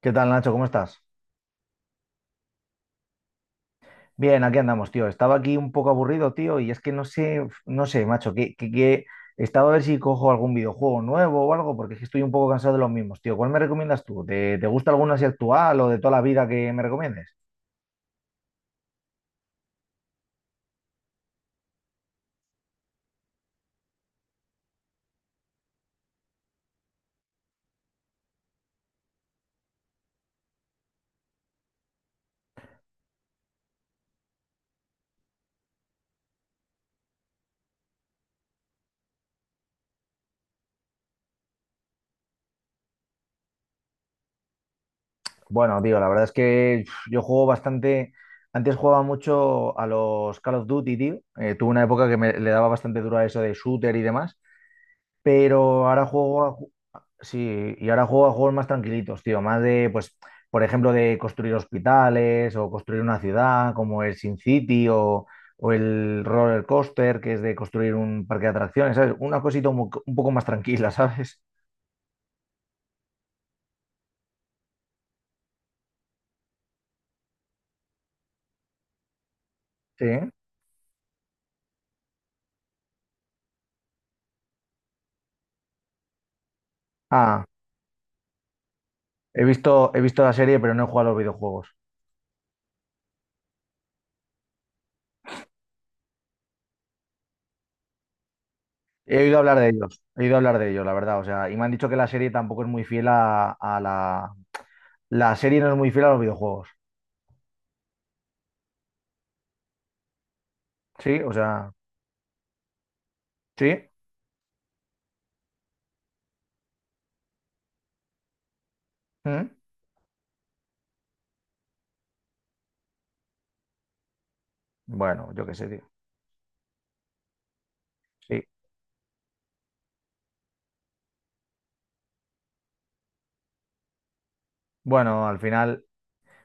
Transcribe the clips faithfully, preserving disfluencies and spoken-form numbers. ¿Qué tal, Nacho? ¿Cómo estás? Bien, aquí andamos, tío. Estaba aquí un poco aburrido, tío, y es que no sé, no sé, macho, que, que, que- estaba a ver si cojo algún videojuego nuevo o algo, porque es que estoy un poco cansado de los mismos, tío. ¿Cuál me recomiendas tú? ¿Te, te gusta alguno así actual o de toda la vida que me recomiendes? Bueno, tío, la verdad es que uf, yo juego bastante. Antes jugaba mucho a los Call of Duty, tío. Eh, tuve una época que me, le daba bastante duro a eso de shooter y demás. Pero ahora juego. Sí, y ahora juego a juegos más tranquilitos, tío, más de, pues, por ejemplo, de construir hospitales o construir una ciudad, como el Sin City o, o el Roller Coaster, que es de construir un parque de atracciones, ¿sabes? Una cosita un, mo- un poco más tranquila, ¿sabes? Sí. Ah, he visto, he visto la serie, pero no he jugado a los videojuegos. He oído hablar de ellos, he oído hablar de ellos, la verdad, o sea, y me han dicho que la serie tampoco es muy fiel a, a la... La serie no es muy fiel a los videojuegos, ¿sí? O sea, ¿sí? ¿Mm? Bueno, yo qué sé, tío. Sí. Bueno, al final,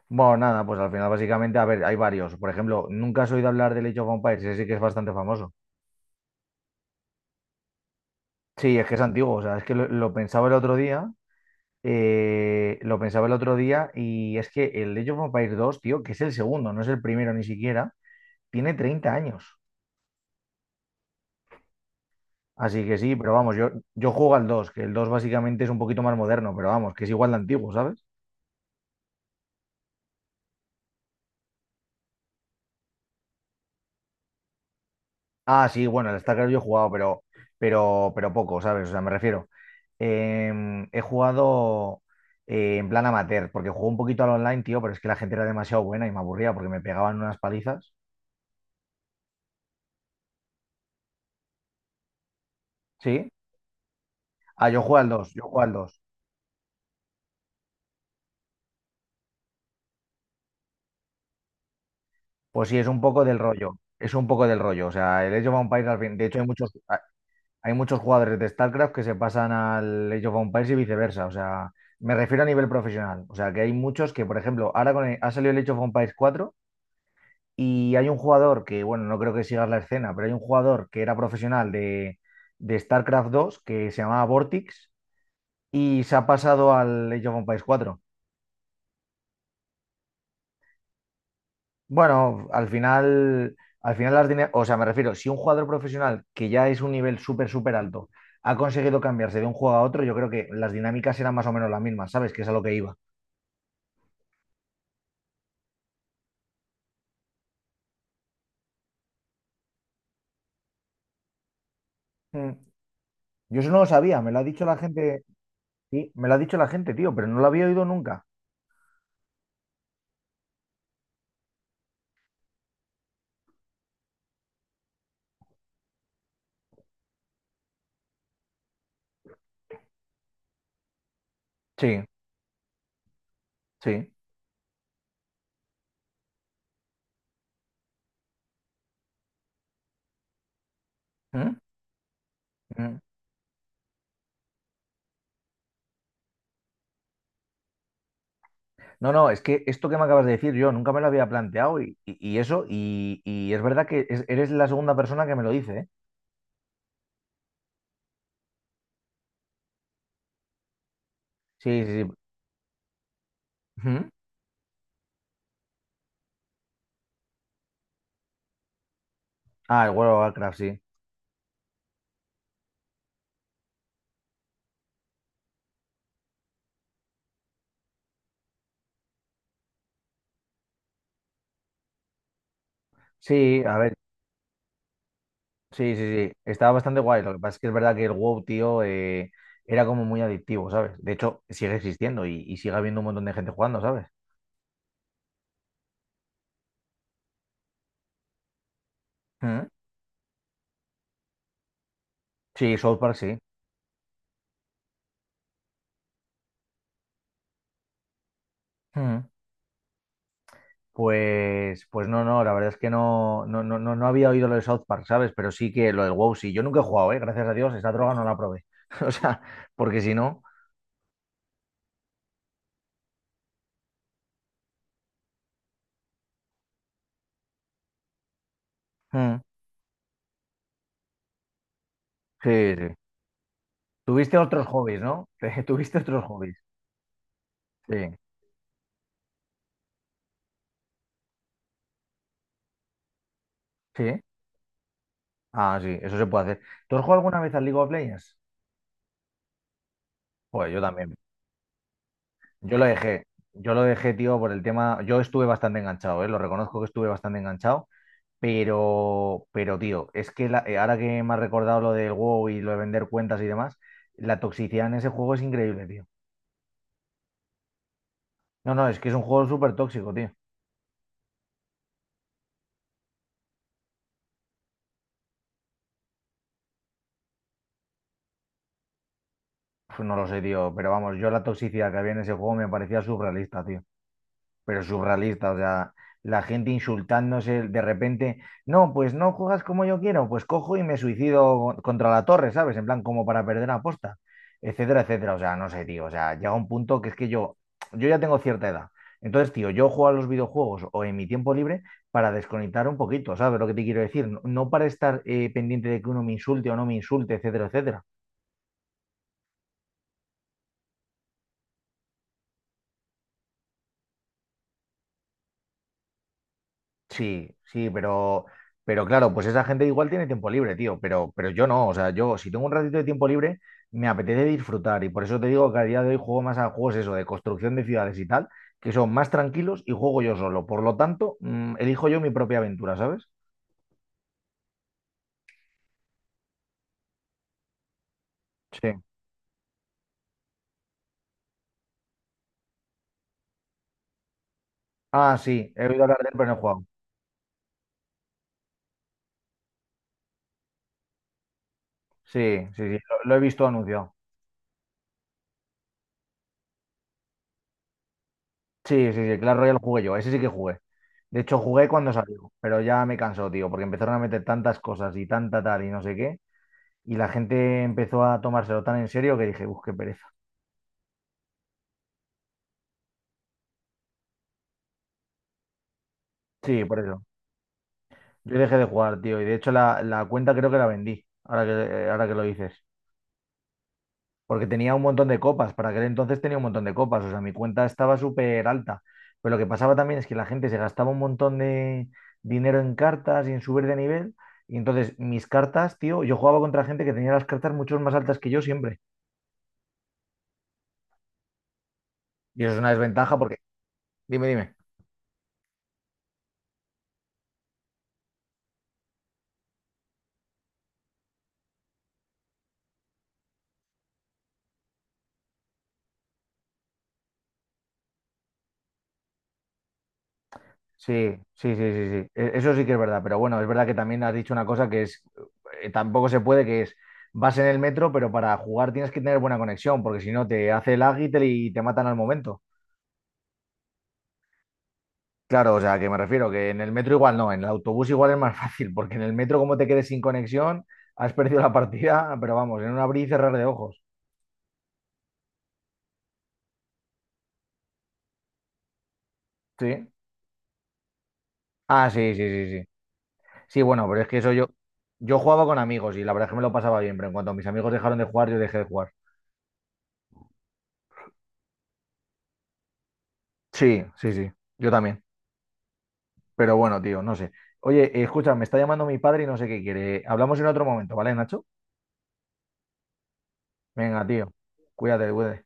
bueno, nada, pues al final básicamente, a ver, hay varios. Por ejemplo, nunca has oído hablar del Age of Empires, ese sí que es bastante famoso. Sí, es que es antiguo, o sea, es que lo, lo pensaba el otro día, eh, lo pensaba el otro día y es que el Age of Empires dos, tío, que es el segundo, no es el primero ni siquiera, tiene treinta años. Así que sí, pero vamos, yo, yo juego al dos, que el dos básicamente es un poquito más moderno, pero vamos, que es igual de antiguo, ¿sabes? Ah, sí, bueno, el StarCraft yo he jugado, pero, pero, pero poco, ¿sabes? O sea, me refiero. Em, he jugado eh, en plan amateur, porque jugué un poquito al online, tío, pero es que la gente era demasiado buena y me aburría porque me pegaban unas palizas. ¿Sí? Ah, yo juego al dos, yo juego al dos. Pues sí, es un poco del rollo. Es un poco del rollo. O sea, el Age of Empires al fin. De hecho, hay muchos, ha- hay muchos jugadores de StarCraft que se pasan al Age of Empires y viceversa. O sea, me refiero a nivel profesional. O sea, que hay muchos que, por ejemplo, ahora con el- ha salido el Age of Empires cuatro. Y hay un jugador que, bueno, no creo que sigas la escena, pero hay un jugador que era profesional de, de StarCraft dos que se llamaba Vortex y se ha pasado al Age of Empires cuatro. Bueno, al final, al final las dine- o sea, me refiero, si un jugador profesional que ya es un nivel súper, súper alto ha conseguido cambiarse de un juego a otro, yo creo que las dinámicas eran más o menos las mismas, ¿sabes? Que es a lo que iba. Mm. Yo eso no lo sabía, me lo ha dicho la gente, sí, me lo ha dicho la gente, tío, pero no lo había oído nunca. Sí, sí. ¿Mm? Mm. No, no, es que esto que me acabas de decir yo nunca me lo había planteado y, y- y eso, y, y es verdad que es- eres la segunda persona que me lo dice, ¿eh? Sí, sí, sí. Ujú. Ah, el World of Warcraft, sí. Sí, a ver, sí, sí, sí. Estaba bastante guay. Lo que pasa es que es verdad que el WoW, tío, eh, era como muy adictivo, ¿sabes? De hecho, sigue existiendo y, y sigue habiendo un montón de gente jugando, ¿sabes? Ujú. Sí, South Park, sí. Ujú. Pues, pues no, no, la verdad es que no, no, no, no no había oído lo de South Park, ¿sabes? Pero sí que lo del WoW sí. Yo nunca he jugado, ¿eh? Gracias a Dios, esa droga no la probé. O sea, porque si no. Mm, sí, sí. Tuviste otros hobbies, ¿no? Tuviste otros hobbies. Sí, sí. Ah, sí, eso se puede hacer. ¿Tú has jugado alguna vez al League of Legends? Pues yo también. Yo lo dejé. Yo lo dejé, tío, por el tema. Yo estuve bastante enganchado, ¿eh? Lo reconozco que estuve bastante enganchado. Pero, pero tío, es que la- eh, ahora que me has recordado lo del WoW y lo de vender cuentas y demás, la toxicidad en ese juego es increíble, tío. No, no, es que es un juego súper tóxico, tío. Pues no lo sé, tío, pero vamos, yo la toxicidad que había en ese juego me parecía surrealista, tío. Pero surrealista, o sea, la gente insultándose de repente, no, pues no juegas como yo quiero, pues cojo y me suicido contra la torre, ¿sabes? En plan, como para perder la posta, etcétera, etcétera, o sea, no sé, tío, o sea, llega un punto que es que yo, yo ya tengo cierta edad. Entonces, tío, yo juego a los videojuegos o en mi tiempo libre para desconectar un poquito, ¿sabes lo que te quiero decir? No, no para estar eh, pendiente de que uno me insulte o no me insulte, etcétera, etcétera. Sí, sí, pero, pero claro, pues esa gente igual tiene tiempo libre, tío, pero, pero yo no, o sea, yo si tengo un ratito de tiempo libre, me apetece disfrutar y por eso te digo que a día de hoy juego más a juegos eso, de construcción de ciudades y tal, que son más tranquilos y juego yo solo. Por lo tanto, mm, elijo yo mi propia aventura, ¿sabes? Sí. Ah, sí, he oído hablar de él, pero no he jugado. Sí, sí, sí, lo, lo he visto anunciado. Sí, sí, sí, Clash Royale jugué yo, ese sí que jugué. De hecho, jugué cuando salió, pero ya me cansó, tío, porque empezaron a meter tantas cosas y tanta tal y no sé qué, y la gente empezó a tomárselo tan en serio que dije, uff, qué pereza. Sí, por eso. Yo dejé de jugar, tío. Y de hecho la, la cuenta creo que la vendí, ahora que, eh, ahora que lo dices. Porque tenía un montón de copas. Para aquel entonces tenía un montón de copas. O sea, mi cuenta estaba súper alta. Pero lo que pasaba también es que la gente se gastaba un montón de dinero en cartas y en subir de nivel. Y entonces mis cartas, tío, yo jugaba contra gente que tenía las cartas mucho más altas que yo siempre. Y eso es una desventaja porque... Dime, dime. Sí, sí, sí, sí, sí. E- Eso sí que es verdad, pero bueno, es verdad que también has dicho una cosa que es, eh, tampoco se puede, que es, vas en el metro, pero para jugar tienes que tener buena conexión, porque si no te hace el y te, y te matan al momento. Claro, o sea, que me refiero, que en el metro igual no, en el autobús igual es más fácil, porque en el metro como te quedes sin conexión, has perdido la partida, pero vamos, en un abrir y cerrar de ojos. Sí. Ah, sí, sí, sí, sí. Sí, bueno, pero es que eso yo, yo jugaba con amigos y la verdad es que me lo pasaba bien, pero en cuanto mis amigos dejaron de jugar, yo dejé de jugar. Sí, sí, sí, yo también. Pero bueno, tío, no sé. Oye, eh, escucha, me está llamando mi padre y no sé qué quiere. Hablamos en otro momento, ¿vale, Nacho? Venga, tío. Cuídate, cuídate.